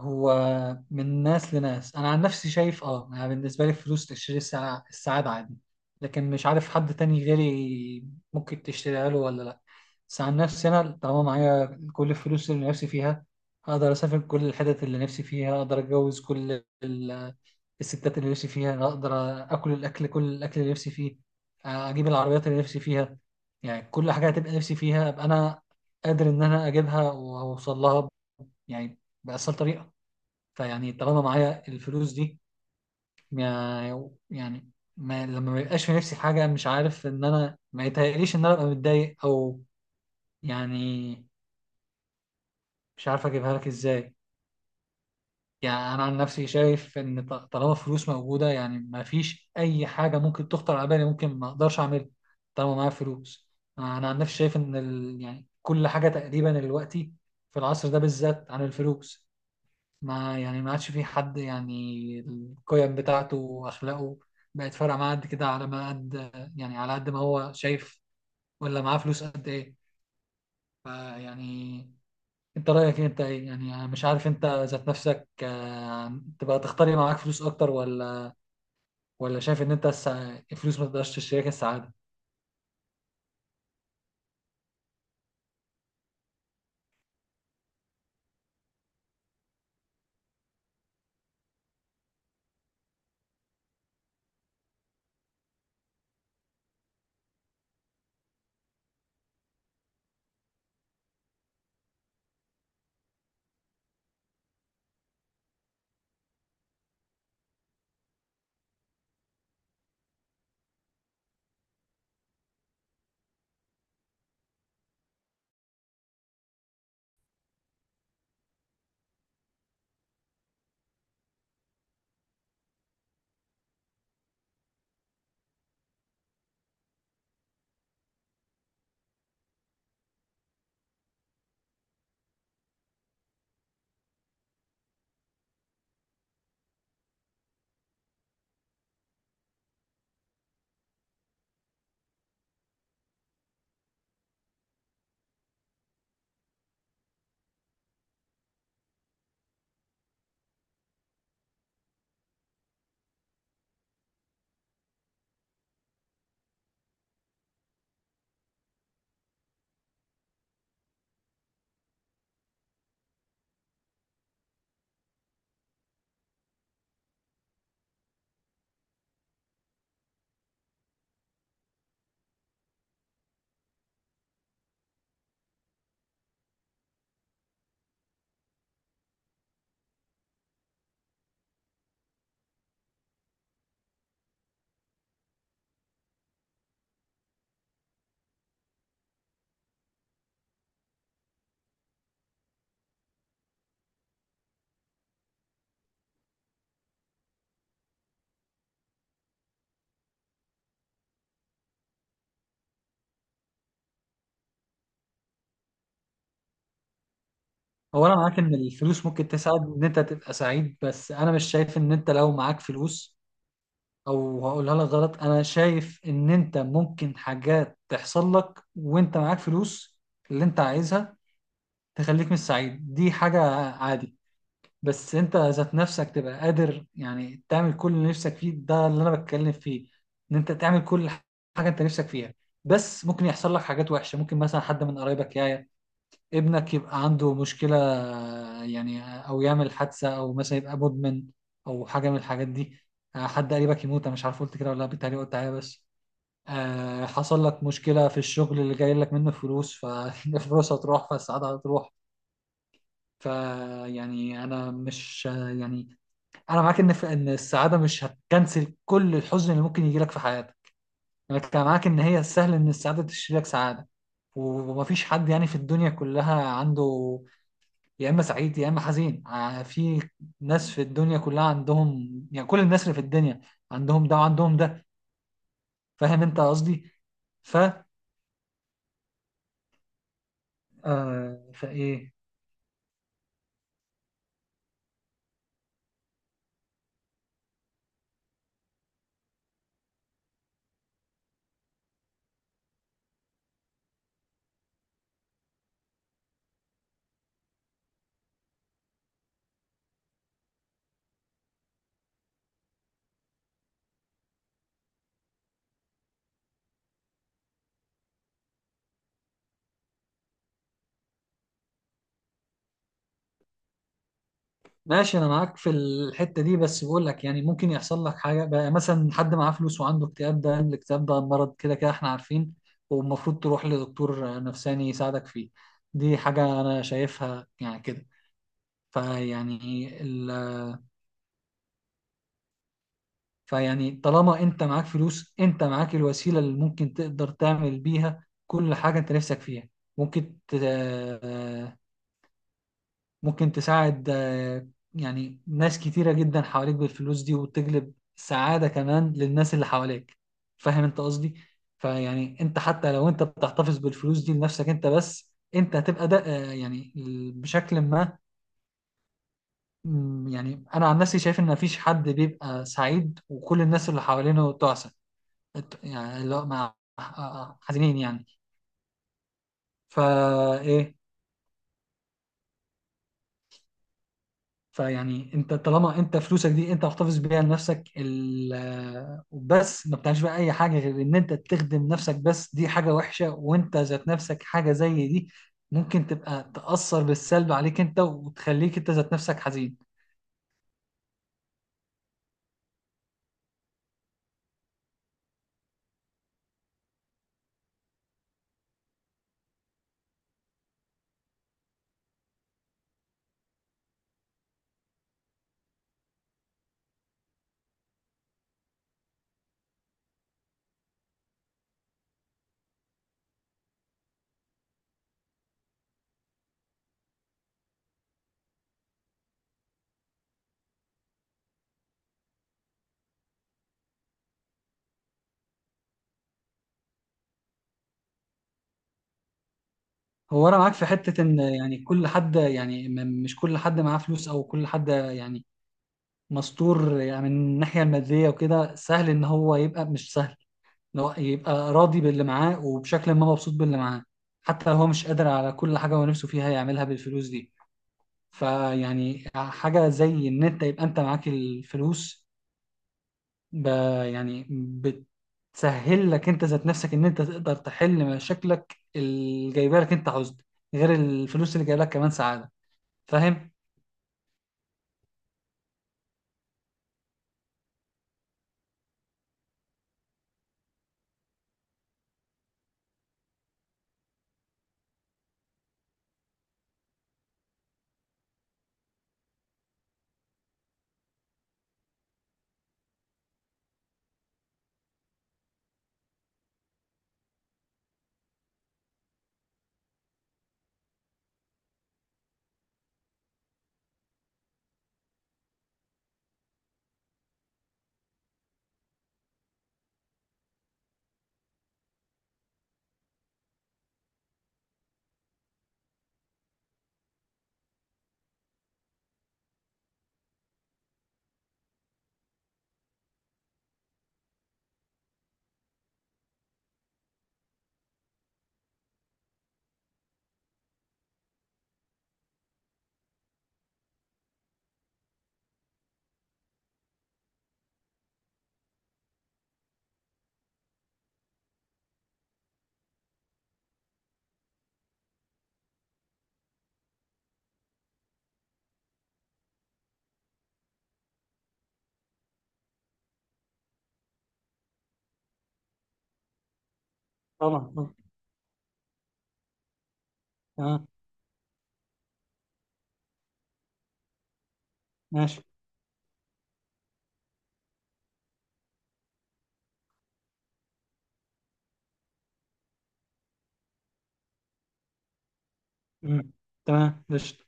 هو من ناس لناس. انا عن نفسي شايف، انا بالنسبه لي الفلوس تشتري السعاده عادي. لكن مش عارف حد تاني غيري ممكن تشتريها له ولا لا. بس عن نفسي انا طالما معايا كل الفلوس اللي نفسي فيها، اقدر اسافر كل الحتت اللي نفسي فيها، اقدر اتجوز كل الستات اللي نفسي فيها، اقدر اكل الاكل، كل الاكل اللي نفسي فيه، اجيب العربيات اللي نفسي فيها. يعني كل حاجه هتبقى نفسي فيها ابقى انا قادر ان انا اجيبها واوصل لها، يعني بأسهل طريقه. فيعني طالما معايا الفلوس دي، ما- يعني ما لما ما يبقاش في نفسي حاجة، مش عارف إن أنا، ما يتهيأليش إن أنا أبقى متضايق أو، يعني مش عارف أجيبها لك إزاي. يعني أنا عن نفسي شايف إن طالما فلوس موجودة، يعني ما فيش أي حاجة ممكن تخطر على بالي ممكن ما أقدرش أعملها طالما معايا فلوس. أنا عن نفسي شايف إن يعني كل حاجة تقريبا دلوقتي في العصر ده بالذات عن الفلوس، ما يعني ما عادش في حد، يعني القيم بتاعته واخلاقه بقت فارقه معاه قد كده، على ما قد، يعني على قد ما هو شايف، ولا معاه فلوس قد ايه. فيعني انت رايك إيه؟ انت ايه يعني، أنا مش عارف انت ذات نفسك، تبقى تختار معاك فلوس اكتر، ولا شايف ان انت، الفلوس ما تقدرش تشتريك السعاده. هو انا معاك ان الفلوس ممكن تساعد ان انت تبقى سعيد، بس انا مش شايف ان انت لو معاك فلوس، او هقولها لك غلط، انا شايف ان انت ممكن حاجات تحصل لك وانت معاك فلوس اللي انت عايزها تخليك مش سعيد، دي حاجة عادي. بس انت ذات نفسك تبقى قادر يعني تعمل كل اللي نفسك فيه، ده اللي انا بتكلم فيه، ان انت تعمل كل حاجة انت نفسك فيها. بس ممكن يحصل لك حاجات وحشة، ممكن مثلا حد من قرايبك يعيا، ابنك يبقى عنده مشكلة، يعني أو يعمل حادثة، أو مثلا يبقى مدمن، أو حاجة من الحاجات دي. حد قريبك يموت، أنا مش عارف قلت كده ولا لأ، بالتهيألي قلت عليها بس. حصل لك مشكلة في الشغل اللي جاي لك منه فلوس، فالفلوس هتروح، فالسعادة هتروح. فيعني أنا مش يعني، أنا معاك إن السعادة مش هتكنسل كل الحزن اللي ممكن يجي لك في حياتك. أنا كنت معاك إن هي سهل إن السعادة تشتري لك سعادة. ومفيش حد يعني في الدنيا كلها عنده، يا اما سعيد يا اما حزين، في ناس في الدنيا كلها عندهم، يعني كل الناس اللي في الدنيا عندهم ده وعندهم ده. فاهم انت قصدي؟ ف آه فايه؟ ماشي انا معاك في الحتة دي، بس بقول لك يعني ممكن يحصل لك حاجة بقى، مثلا حد معاه فلوس وعنده اكتئاب، ده الاكتئاب ده مرض كده كده احنا عارفين، والمفروض تروح لدكتور نفساني يساعدك فيه، دي حاجة انا شايفها يعني كده. فيعني فيعني طالما انت معاك فلوس، انت معاك الوسيلة اللي ممكن تقدر تعمل بيها كل حاجة انت نفسك فيها، ممكن ت... آه، ممكن تساعد يعني ناس كتيرة جدا حواليك بالفلوس دي، وتجلب سعادة كمان للناس اللي حواليك. فاهم انت قصدي؟ فيعني انت حتى لو انت بتحتفظ بالفلوس دي لنفسك انت بس، انت هتبقى ده، يعني بشكل ما. يعني انا عن نفسي شايف ان مفيش حد بيبقى سعيد وكل الناس اللي حوالينه تعسى، يعني اللي هو مع حزينين يعني، ايه. فيعني انت طالما انت فلوسك دي انت محتفظ بيها لنفسك، وبس ما بتعملش بقى اي حاجه غير ان انت تخدم نفسك بس، دي حاجه وحشه، وانت ذات نفسك حاجه زي دي ممكن تبقى تأثر بالسلب عليك انت، وتخليك انت ذات نفسك حزين. هو انا معاك في حته ان يعني كل حد يعني مش كل حد معاه فلوس او كل حد يعني مستور يعني من الناحيه الماديه وكده، سهل ان هو يبقى، مش سهل، لو يبقى راضي باللي معاه وبشكل ما مبسوط باللي معاه، حتى لو هو مش قادر على كل حاجة هو نفسه فيها يعملها بالفلوس دي. فيعني حاجة زي إن أنت يبقى أنت معاك الفلوس، ب يعني بتسهل لك أنت ذات نفسك إن أنت تقدر تحل مشاكلك اللي جايبه لك أنت حزن، غير الفلوس اللي جايبه لك كمان سعادة. فاهم؟ طبعا، طبعا. تمام. ماشي. مم. تمام قشطة.